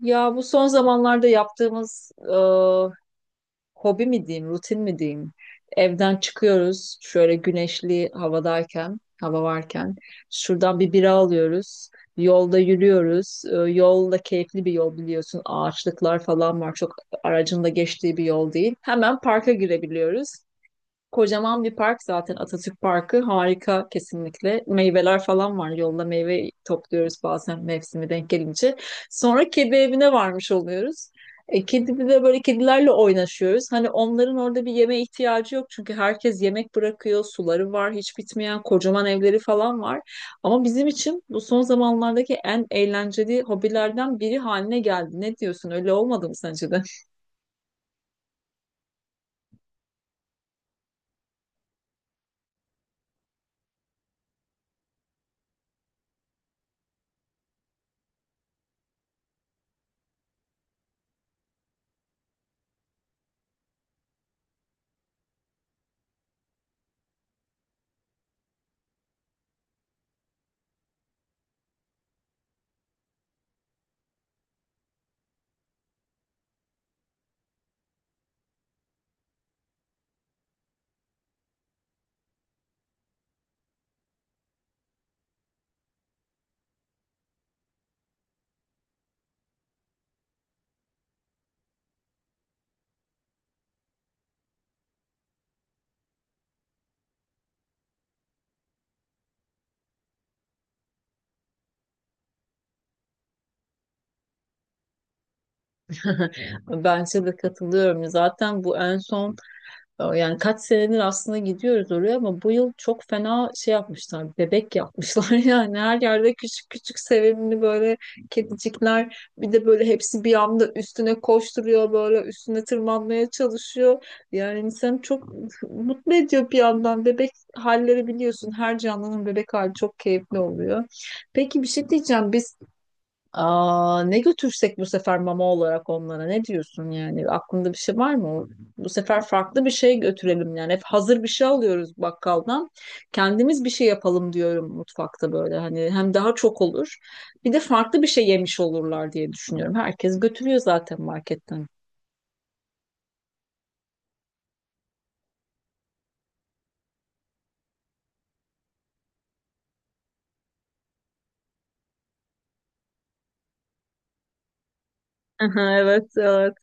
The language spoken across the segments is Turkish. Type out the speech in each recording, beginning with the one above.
Ya bu son zamanlarda yaptığımız hobi mi diyeyim, rutin mi diyeyim? Evden çıkıyoruz şöyle güneşli havadayken, hava varken. Şuradan bir bira alıyoruz. Yolda yürüyoruz. Yol da keyifli bir yol, biliyorsun. Ağaçlıklar falan var. Çok aracın da geçtiği bir yol değil. Hemen parka girebiliyoruz. Kocaman bir park zaten, Atatürk Parkı. Harika kesinlikle. Meyveler falan var. Yolda meyve topluyoruz bazen, mevsimi denk gelince. Sonra kedi evine varmış oluyoruz. E, kedi bir de böyle kedilerle oynaşıyoruz. Hani onların orada bir yeme ihtiyacı yok, çünkü herkes yemek bırakıyor. Suları var hiç bitmeyen. Kocaman evleri falan var. Ama bizim için bu son zamanlardaki en eğlenceli hobilerden biri haline geldi. Ne diyorsun? Öyle olmadı mı sence de? Bence de katılıyorum. Zaten bu en son. Yani kaç senedir aslında gidiyoruz oraya, ama bu yıl çok fena şey yapmışlar. Bebek yapmışlar. Yani her yerde küçük küçük sevimli böyle kedicikler. Bir de böyle hepsi bir anda üstüne koşturuyor, böyle üstüne tırmanmaya çalışıyor. Yani insanı çok mutlu ediyor bir yandan. Bebek halleri, biliyorsun, her canlının bebek hali çok keyifli oluyor. Peki, bir şey diyeceğim. Aa, ne götürsek bu sefer mama olarak onlara, ne diyorsun? Yani aklında bir şey var mı? Bu sefer farklı bir şey götürelim. Yani hep hazır bir şey alıyoruz bakkaldan, kendimiz bir şey yapalım diyorum mutfakta böyle. Hani hem daha çok olur, bir de farklı bir şey yemiş olurlar diye düşünüyorum. Herkes götürüyor zaten marketten. Aha, evet, evet.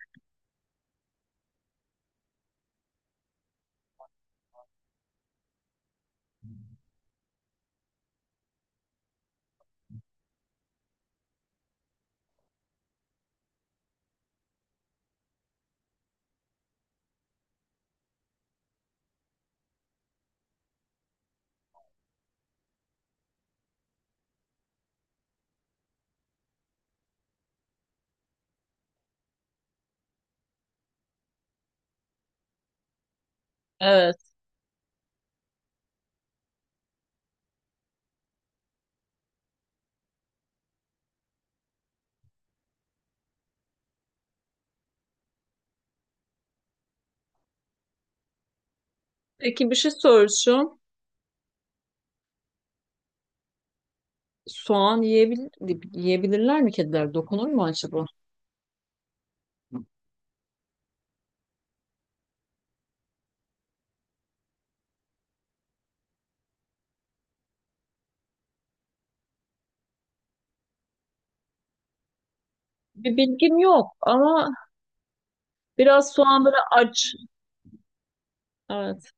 Evet, peki bir şey soracağım. Soğan yiyebilirler mi kediler, dokunur mu acaba? Bir bilgim yok ama biraz soğan böyle aç. Evet.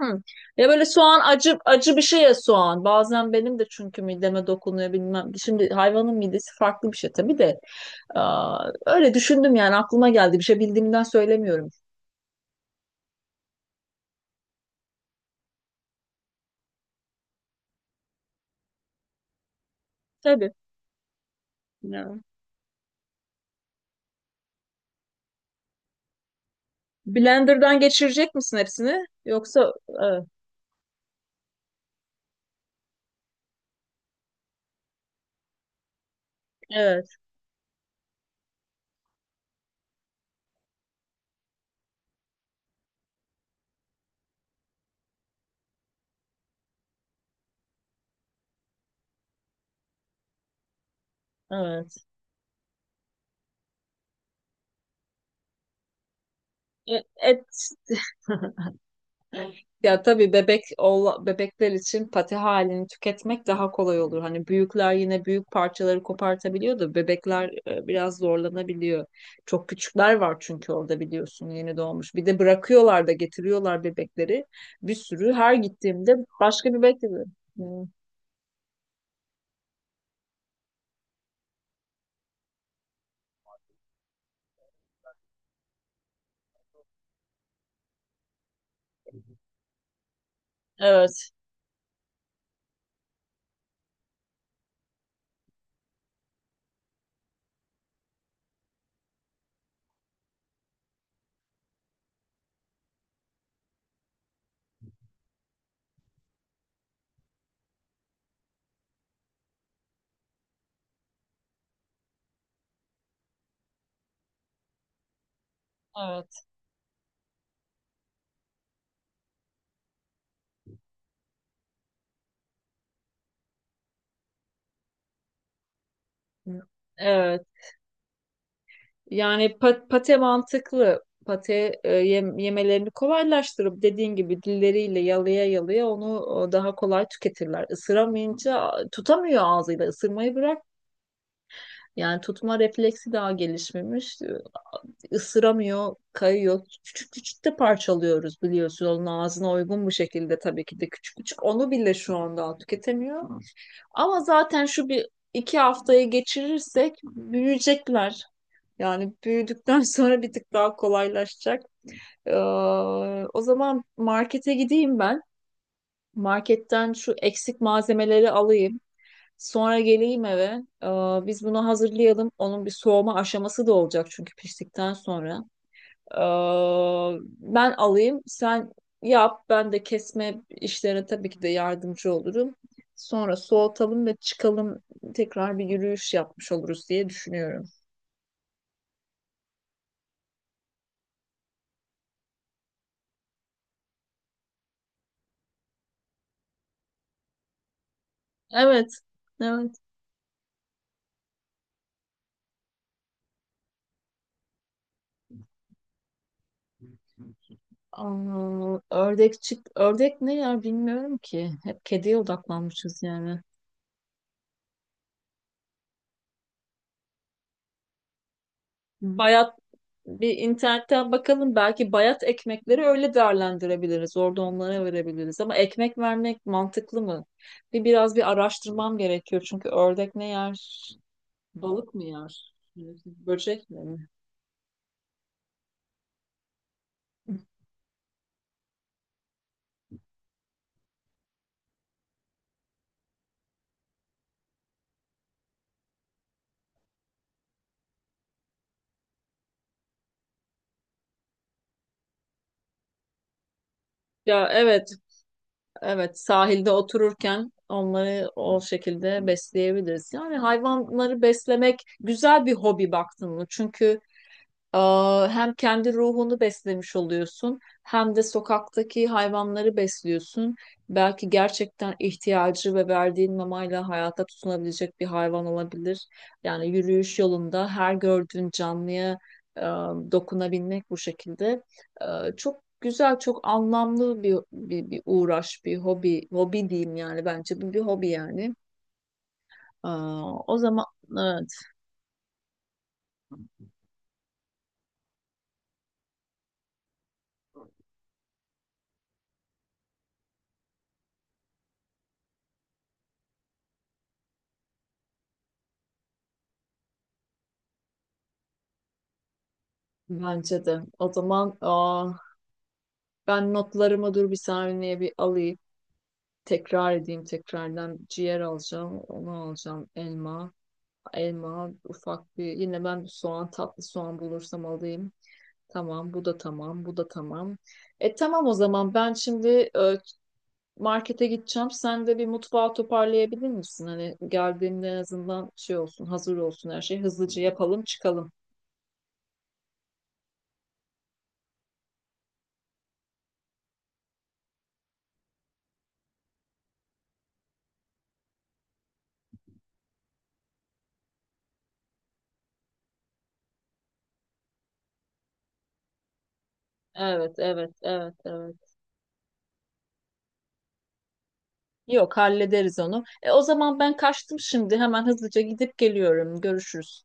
Hı. Ya böyle soğan, acı acı bir şey ya soğan. Bazen benim de çünkü mideme dokunuyor, bilmem. Şimdi hayvanın midesi farklı bir şey tabii de. Aa, öyle düşündüm yani, aklıma geldi. Bir şey bildiğimden söylemiyorum. Tabii. Ya. Blender'dan geçirecek misin hepsini? Yoksa evet, evet. E, et Ya tabii, bebekler için pati halini tüketmek daha kolay olur. Hani büyükler yine büyük parçaları kopartabiliyor da bebekler biraz zorlanabiliyor. Çok küçükler var çünkü orada, biliyorsun, yeni doğmuş. Bir de bırakıyorlar da getiriyorlar bebekleri. Bir sürü, her gittiğimde başka bir bebek. Hmm. Evet, evet. Hı. Evet. Yani pate mantıklı. Pate yemelerini kolaylaştırıp, dediğin gibi, dilleriyle yalaya yalaya onu daha kolay tüketirler. Isıramayınca tutamıyor ağzıyla, ısırmayı bırak. Yani tutma refleksi daha gelişmemiş. Isıramıyor, kayıyor. Küçük küçük de parçalıyoruz, biliyorsun. Onun ağzına uygun bu şekilde, tabii ki de küçük küçük. Onu bile şu anda tüketemiyor. Ama zaten şu bir iki haftayı geçirirsek büyüyecekler. Yani büyüdükten sonra bir tık daha kolaylaşacak. Ee, O zaman markete gideyim ben. Marketten şu eksik malzemeleri alayım. Sonra geleyim eve. Ee, Biz bunu hazırlayalım. Onun bir soğuma aşaması da olacak çünkü piştikten sonra. Ee, Ben alayım, sen yap. Ben de kesme işlerine tabii ki de yardımcı olurum. Sonra soğutalım ve çıkalım, tekrar bir yürüyüş yapmış oluruz diye düşünüyorum. Evet, evet. Aa, ördek çık. Ördek ne ya, bilmiyorum ki. Hep kediye odaklanmışız yani. Bayat bir internetten bakalım, belki bayat ekmekleri öyle değerlendirebiliriz. Orada onlara verebiliriz ama ekmek vermek mantıklı mı? Biraz bir araştırmam gerekiyor, çünkü ördek ne yer? Balık mı yer? Böcek mi? Ya, evet. Evet, sahilde otururken onları o şekilde besleyebiliriz. Yani hayvanları beslemek güzel bir hobi, baktın mı? Hem kendi ruhunu beslemiş oluyorsun, hem de sokaktaki hayvanları besliyorsun. Belki gerçekten ihtiyacı ve verdiğin mamayla hayata tutunabilecek bir hayvan olabilir. Yani yürüyüş yolunda her gördüğün canlıya e, dokunabilmek bu şekilde çok güzel, çok anlamlı bir uğraş, bir hobi diyeyim, yani bence bu bir hobi yani. Aa, o zaman evet, bence de. O zaman ben notlarımı, dur bir saniye, bir alayım. Tekrar edeyim tekrardan. Ciğer alacağım. Onu alacağım. Elma. Elma ufak bir. Yine ben tatlı soğan bulursam alayım. Tamam, bu da tamam. Bu da tamam. Tamam, o zaman ben şimdi e, markete gideceğim. Sen de bir mutfağı toparlayabilir misin? Hani geldiğinde en azından şey olsun, hazır olsun her şey. Hızlıca yapalım, çıkalım. Evet, evet, evet, evet. Yok, hallederiz onu. O zaman ben kaçtım şimdi. Hemen hızlıca gidip geliyorum. Görüşürüz.